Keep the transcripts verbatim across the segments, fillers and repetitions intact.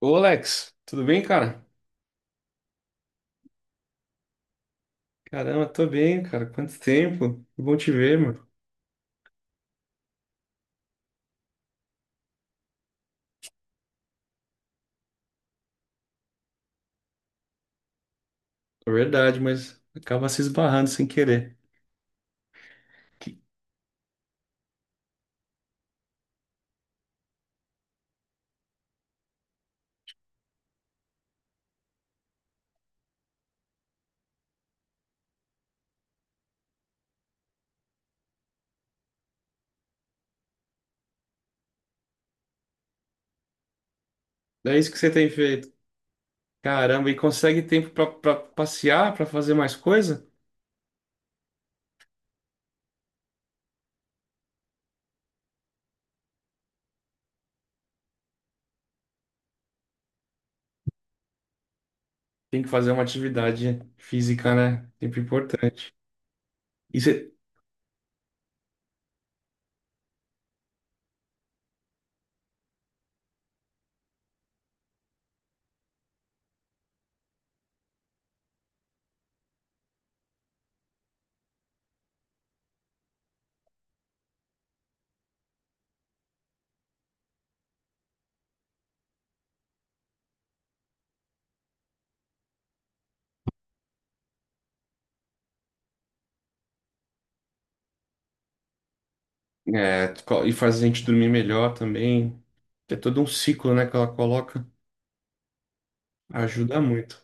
Ô, Alex, tudo bem, cara? Caramba, tô bem, cara. Quanto tempo? Que bom te ver, meu. É verdade, mas acaba se esbarrando sem querer. Que- É isso que você tem feito. Caramba, e consegue tempo pra, pra passear, pra fazer mais coisa? Tem que fazer uma atividade física, né? Sempre importante. E, você, é, co- e faz a gente dormir melhor também. É todo um ciclo, né, que ela coloca. Ajuda muito.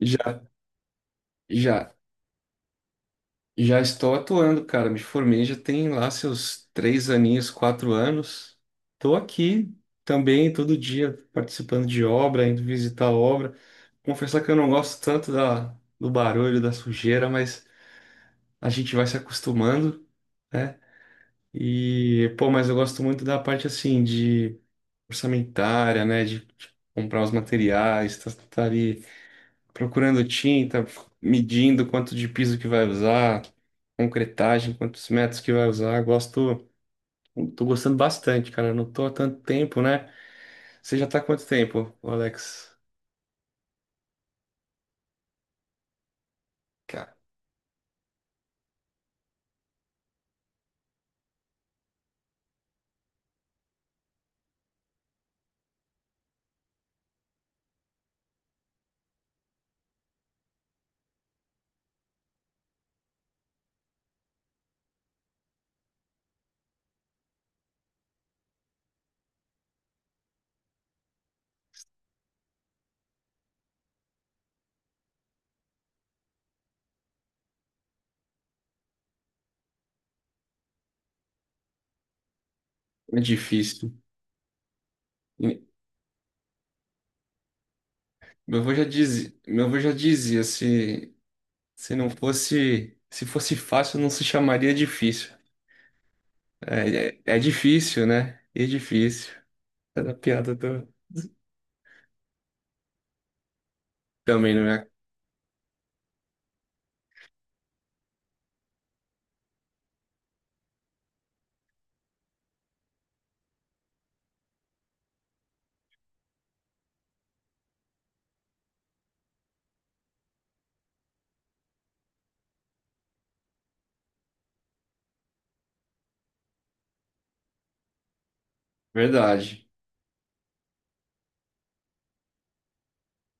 Já, já. Já estou atuando, cara. Me formei já tem lá seus três aninhos, quatro anos. Estou aqui também todo dia participando de obra, indo visitar a obra. Confessar que eu não gosto tanto da, do barulho, da sujeira, mas a gente vai se acostumando, né? E, pô, mas eu gosto muito da parte assim de orçamentária, né? De, de comprar os materiais, tá, tá ali procurando tinta, medindo quanto de piso que vai usar, concretagem, quantos metros que vai usar. Gosto, tô gostando bastante, cara. Não tô há tanto tempo, né? Você já tá há quanto tempo, ô Alex? Cara, é difícil. E Meu avô já dizia, meu avô já dizia, se, se não fosse, se fosse fácil, não se chamaria difícil. É, é, é difícil, né? E é difícil. É da piada do... Também não é verdade.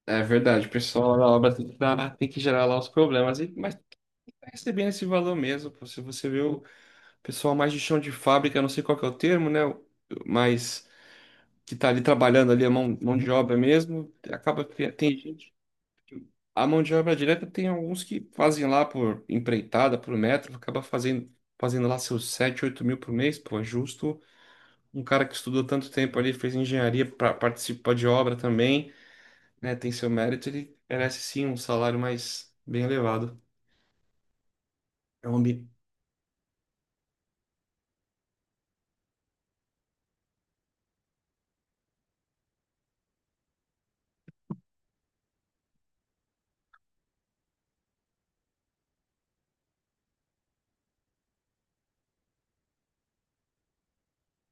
É verdade, o pessoal na obra tem que, dar- tem que gerar lá os problemas, e, mas tá recebendo esse valor mesmo. Pô. Se você vê o pessoal mais de chão de fábrica, não sei qual que é o termo, né? o- Mas que tá ali trabalhando ali a mão, mão de obra mesmo, acaba que tem gente. A mão de obra direta tem alguns que fazem lá por empreitada, por metro, acaba fazendo, fazendo lá seus sete, oito mil por mês, pô, é justo. Um cara que estudou tanto tempo ali, fez engenharia para participar de obra também. Né, tem seu mérito, ele merece sim um salário mais bem elevado. É um ambi...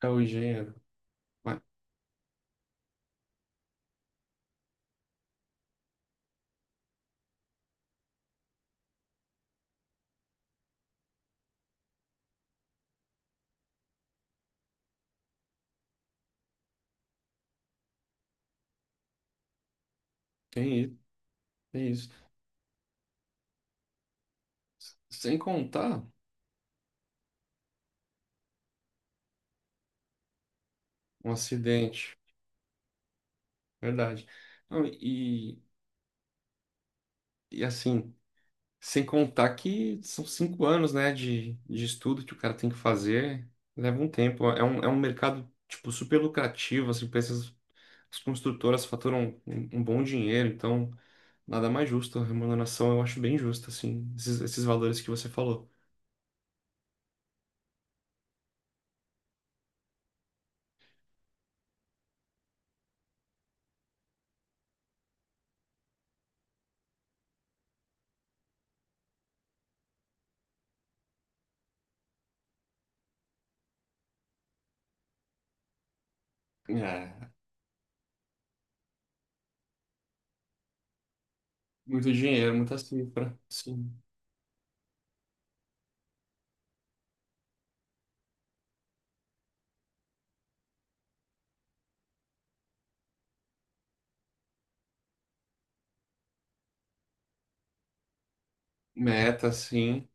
é o gênero. Mas tem isso, tem isso. Sem contar um acidente, verdade. Não, e, e assim, sem contar que são cinco anos, né, de, de estudo que o cara tem que fazer, leva um tempo. É um, é um mercado, tipo, super lucrativo, assim, pra essas- as construtoras faturam um, um bom dinheiro, então nada mais justo. A remuneração eu acho bem justa, assim, esses, esses valores que você falou. É, muito dinheiro, muita cifra. Sim. Meta, sim.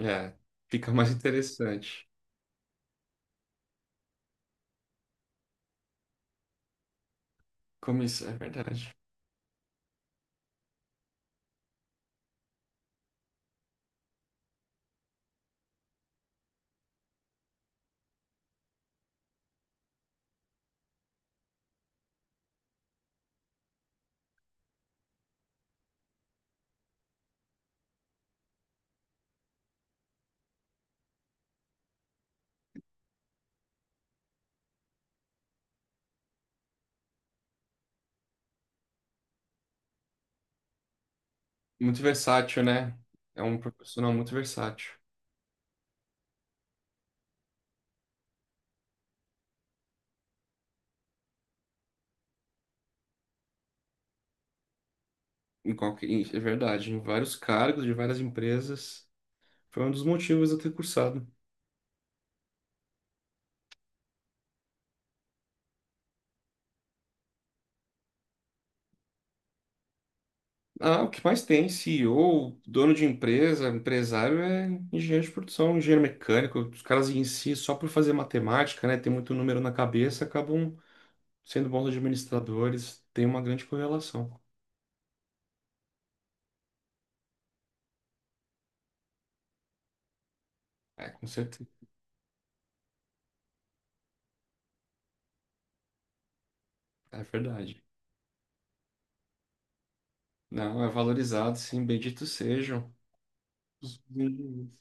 É, fica mais interessante. Como isso é verdade. Muito versátil, né? É um profissional muito versátil. Em qualquer, em- é verdade, em vários cargos, de várias empresas. Foi um dos motivos de eu ter cursado. Ah, o que mais tem? CEO, dono de empresa, empresário é engenheiro de produção, engenheiro mecânico. Os caras em si, só por fazer matemática, né? Ter muito número na cabeça, acabam sendo bons administradores, tem uma grande correlação. É, com certeza. É verdade. Não, é valorizado, sim, benditos sejam. Os benditos.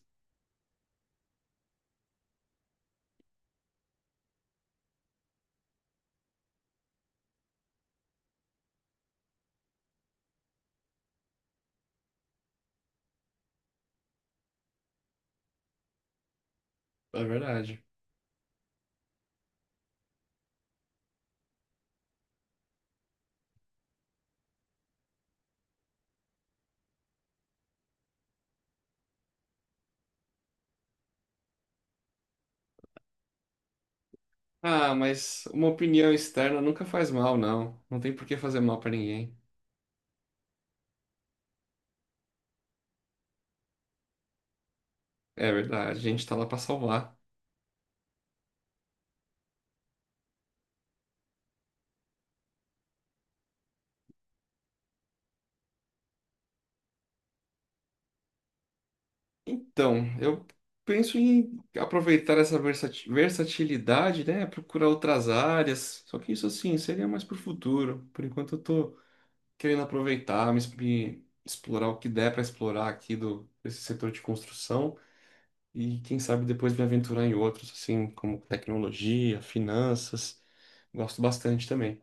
É verdade. Ah, mas uma opinião externa nunca faz mal, não. Não tem por que fazer mal pra ninguém. É verdade, a gente tá lá pra salvar. Então, eu penso em aproveitar essa versati- versatilidade, né? Procurar outras áreas. Só que isso, assim, seria mais pro futuro. Por enquanto, eu tô querendo aproveitar, me, me explorar o que der para explorar aqui do desse setor de construção e quem sabe depois me aventurar em outros, assim como tecnologia, finanças. Gosto bastante também.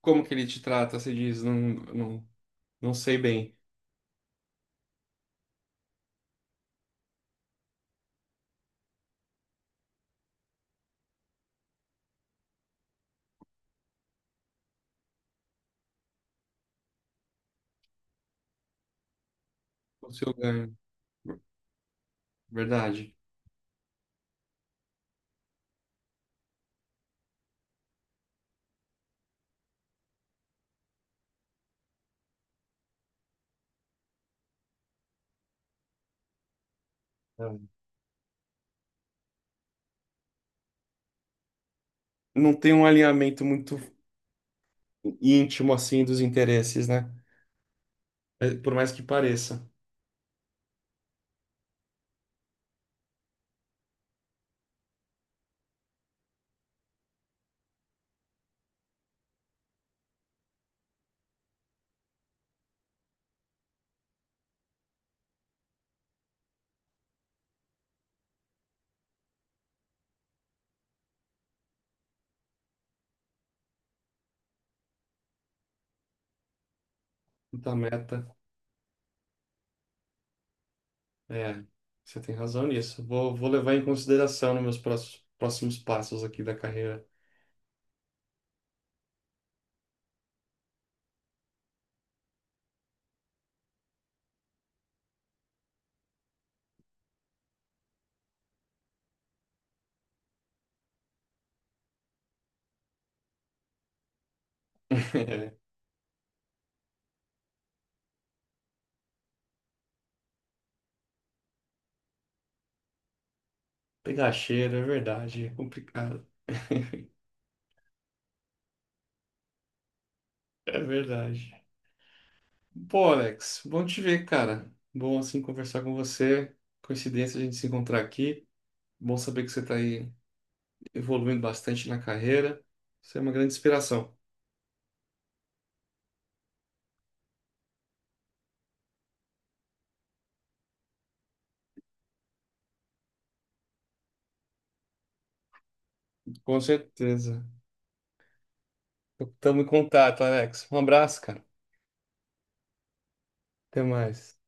Como que ele te trata? Você diz, não, não, não sei bem o seu ganho. Verdade. É. Não tem um alinhamento muito íntimo assim dos interesses, né? É, por mais que pareça, muita meta. É, você tem razão nisso. Vou, vou levar em consideração nos meus próximos, próximos passos aqui da carreira. É, pegar cheiro, é verdade, é complicado. É verdade. Bom, Alex, bom te ver, cara. Bom assim conversar com você. Coincidência a gente se encontrar aqui. Bom saber que você está aí evoluindo bastante na carreira. Você é uma grande inspiração. Com certeza. Estamos em contato, Alex. Um abraço, cara. Até mais.